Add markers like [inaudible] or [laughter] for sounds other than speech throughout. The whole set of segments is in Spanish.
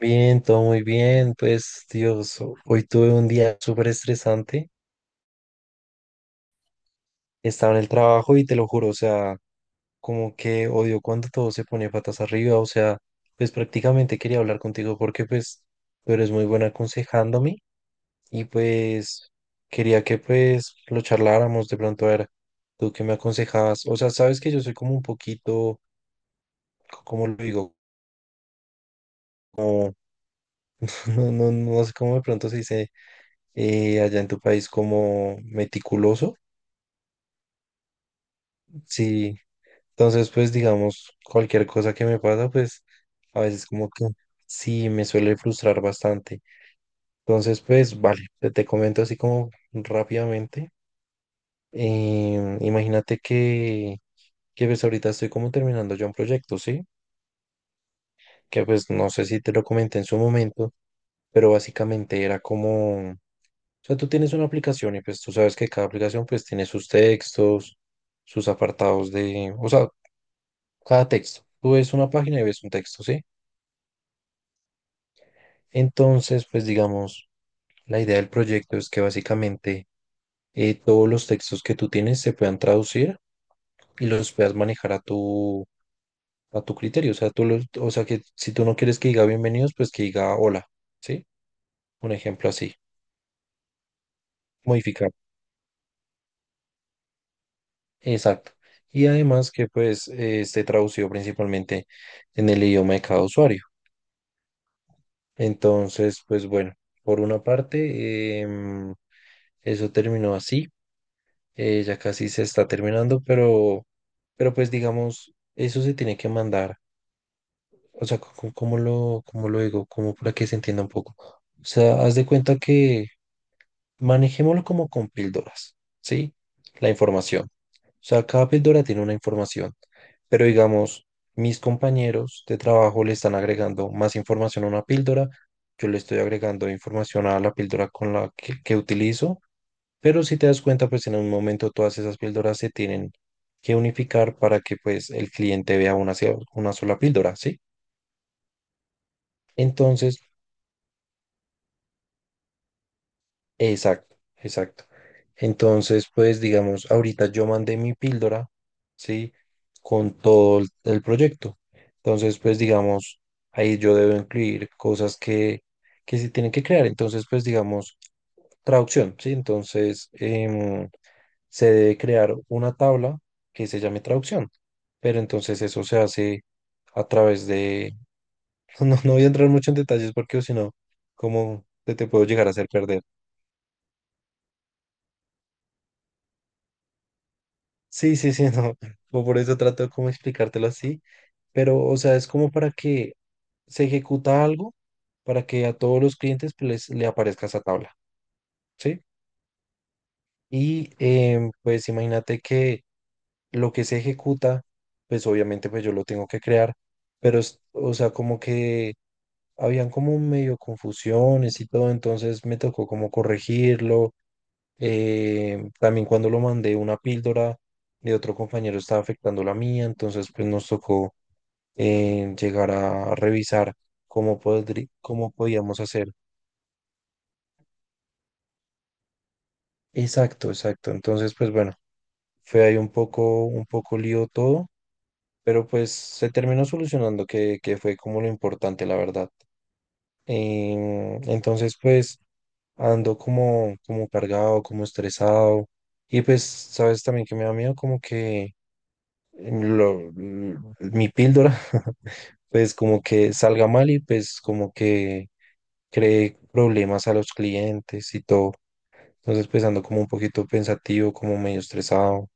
Bien, todo muy bien. Pues, Dios, hoy tuve un día súper estresante. Estaba en el trabajo y te lo juro, o sea, como que odio cuando todo se pone patas arriba. O sea, pues prácticamente quería hablar contigo porque pues tú eres muy buena aconsejándome y pues quería que pues lo charláramos de pronto a ver tú qué me aconsejabas. O sea, sabes que yo soy como un poquito, ¿cómo lo digo? Como, [laughs] no, no, no sé cómo de pronto se dice allá en tu país como meticuloso. Sí, entonces pues digamos, cualquier cosa que me pasa, pues a veces como que sí me suele frustrar bastante. Entonces pues vale, te comento así como rápidamente. Imagínate que pues ahorita estoy como terminando ya un proyecto, ¿sí? Que pues no sé si te lo comenté en su momento, pero básicamente era como, o sea, tú tienes una aplicación y pues tú sabes que cada aplicación pues tiene sus textos, sus apartados de, o sea, cada texto. Tú ves una página y ves un texto, ¿sí? Entonces, pues digamos, la idea del proyecto es que básicamente todos los textos que tú tienes se puedan traducir y los puedas manejar a tu criterio. O sea, o sea, que si tú no quieres que diga bienvenidos, pues que diga hola, ¿sí? Un ejemplo así, modificar. Exacto. Y además que pues esté traducido principalmente en el idioma de cada usuario. Entonces, pues bueno, por una parte, eso terminó así. Ya casi se está terminando, pero pues digamos, eso se tiene que mandar. O sea, ¿cómo, cómo lo digo? Como para que se entienda un poco. O sea, haz de cuenta que manejémoslo como con píldoras, ¿sí? La información. O sea, cada píldora tiene una información, pero digamos, mis compañeros de trabajo le están agregando más información a una píldora, yo le estoy agregando información a la píldora con la que utilizo, pero si te das cuenta, pues en un momento todas esas píldoras se tienen que unificar para que pues el cliente vea una, una sola píldora, ¿sí? Entonces, exacto, exacto. Entonces, pues digamos, ahorita yo mandé mi píldora, ¿sí? Con todo el proyecto. Entonces, pues digamos, ahí yo debo incluir cosas que se tienen que crear. Entonces, pues digamos, traducción, ¿sí? Entonces, se debe crear una tabla que se llame traducción. Pero entonces eso se hace a través de... [laughs] No, no voy a entrar mucho en detalles porque o si no, ¿cómo te puedo llegar a hacer perder? Sí, sí, sí, [laughs] no. o Por eso trato de como explicártelo así. Pero, o sea, es como para que se ejecuta algo para que a todos los clientes pues, le aparezca esa tabla, ¿sí? Y pues imagínate que lo que se ejecuta, pues obviamente pues yo lo tengo que crear, pero o sea, como que habían como medio confusiones y todo, entonces me tocó como corregirlo. También cuando lo mandé una píldora de otro compañero estaba afectando la mía, entonces pues nos tocó llegar a revisar cómo podíamos hacer. Exacto, exacto. Entonces pues bueno, fue ahí un poco lío todo, pero pues se terminó solucionando, que fue como lo importante, la verdad. Entonces, pues ando como, como cargado, como estresado. Y pues, sabes también que me da miedo como que mi píldora, [laughs] pues como que salga mal y pues como que cree problemas a los clientes y todo. Entonces, pues ando como un poquito pensativo, como medio estresado.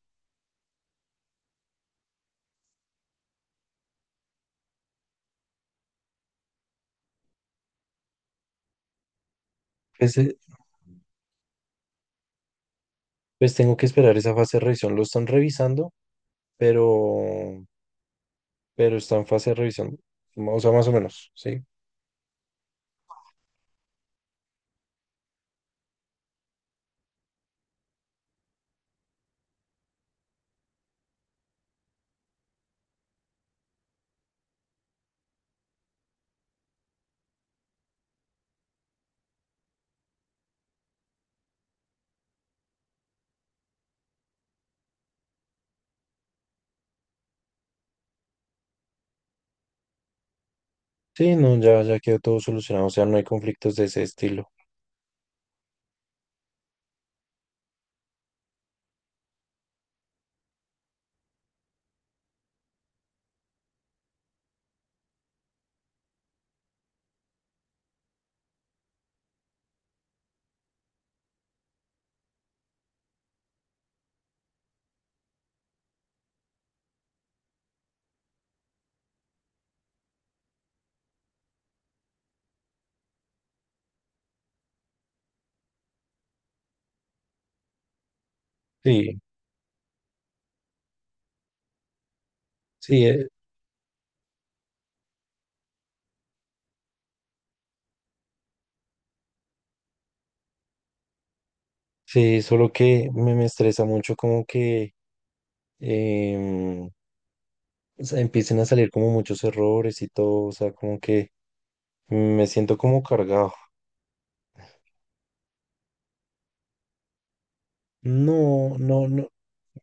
Pues, pues tengo que esperar esa fase de revisión. Lo están revisando, pero, pero está en fase de revisión, o sea, más o menos, ¿sí? Sí, no, ya, ya quedó todo solucionado, o sea, no hay conflictos de ese estilo. Sí, sí, sí, solo que me estresa mucho como que em, o sea, empiecen a salir como muchos errores y todo, o sea, como que me siento como cargado. No, no, no,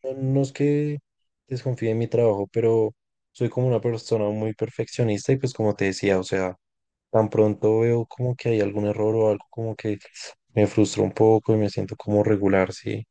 no, no es que desconfíe en mi trabajo, pero soy como una persona muy perfeccionista y pues como te decía, o sea, tan pronto veo como que hay algún error o algo como que me frustro un poco y me siento como regular, sí.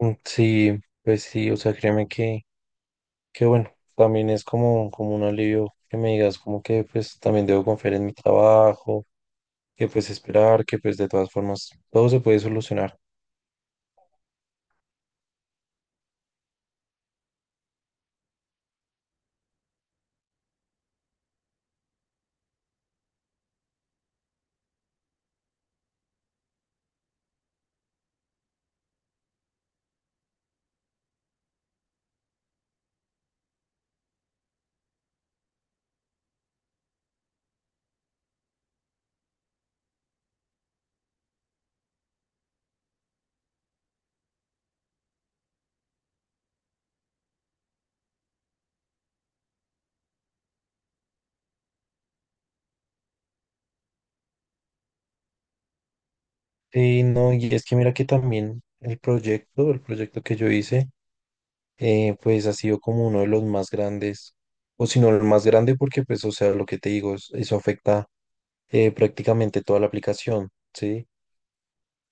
Mm, sí, pues sí, o sea, créeme que bueno, también es como, como un alivio que me digas como que pues también debo confiar en mi trabajo, que pues esperar, que pues de todas formas todo se puede solucionar. Sí, no, y es que mira que también el proyecto que yo hice, pues ha sido como uno de los más grandes, o si no el más grande porque pues, o sea, lo que te digo, eso afecta prácticamente toda la aplicación, ¿sí?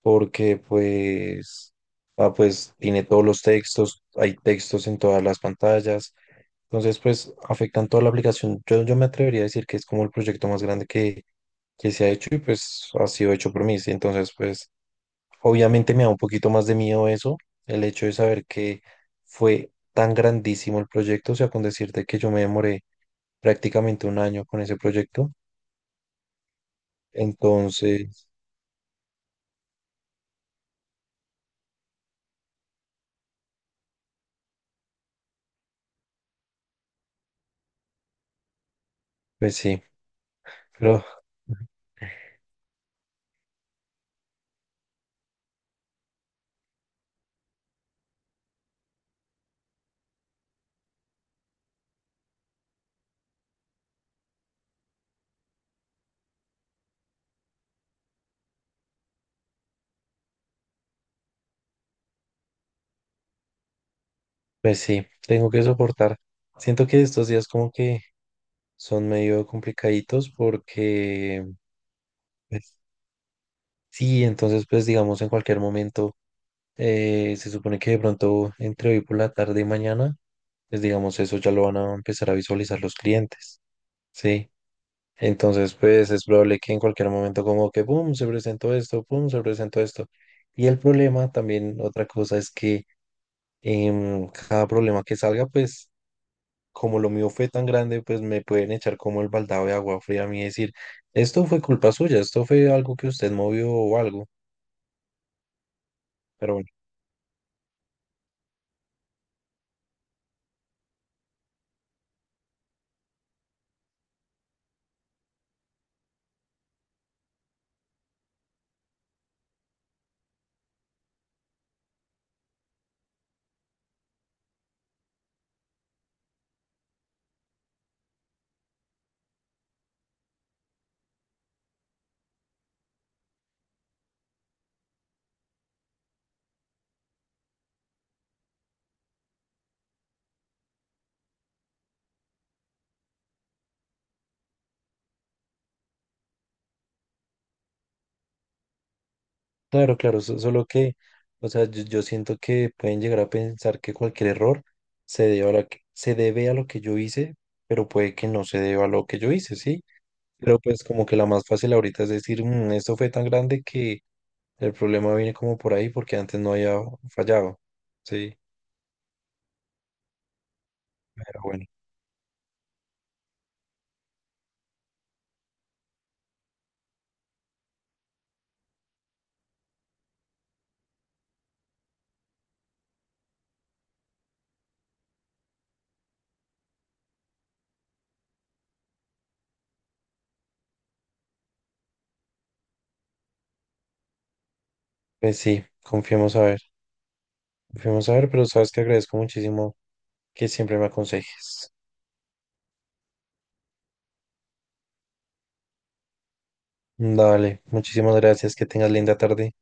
Porque pues, ah, pues tiene todos los textos, hay textos en todas las pantallas, entonces pues afectan toda la aplicación. Yo me atrevería a decir que es como el proyecto más grande que se ha hecho y pues ha sido hecho por mí, ¿sí? Entonces pues obviamente me da un poquito más de miedo eso, el hecho de saber que fue tan grandísimo el proyecto, o sea, con decirte que yo me demoré prácticamente un año con ese proyecto, entonces pues sí, pero... Pues sí, tengo que soportar. Siento que estos días como que son medio complicaditos porque, pues, sí, entonces pues digamos en cualquier momento, se supone que de pronto entre hoy por la tarde y mañana, pues digamos eso ya lo van a empezar a visualizar los clientes, ¿sí? Entonces pues es probable que en cualquier momento como que, ¡pum!, se presentó esto, ¡pum!, se presentó esto. Y el problema también, otra cosa es que cada problema que salga, pues... como lo mío fue tan grande, pues me pueden echar como el baldado de agua fría a mí y decir, esto fue culpa suya, esto fue algo que usted movió o algo. Pero bueno, claro, claro, solo que, o sea, yo siento que pueden llegar a pensar que cualquier error se debe a lo que, se debe a lo que yo hice, pero puede que no se deba a lo que yo hice, ¿sí? Pero pues como que la más fácil ahorita es decir, "Mm, esto fue tan grande que el problema viene como por ahí porque antes no había fallado, ¿sí? Pero bueno, pues sí, confiemos a ver. Fuimos a ver, pero sabes que agradezco muchísimo que siempre me aconsejes. Dale, muchísimas gracias, que tengas linda tarde.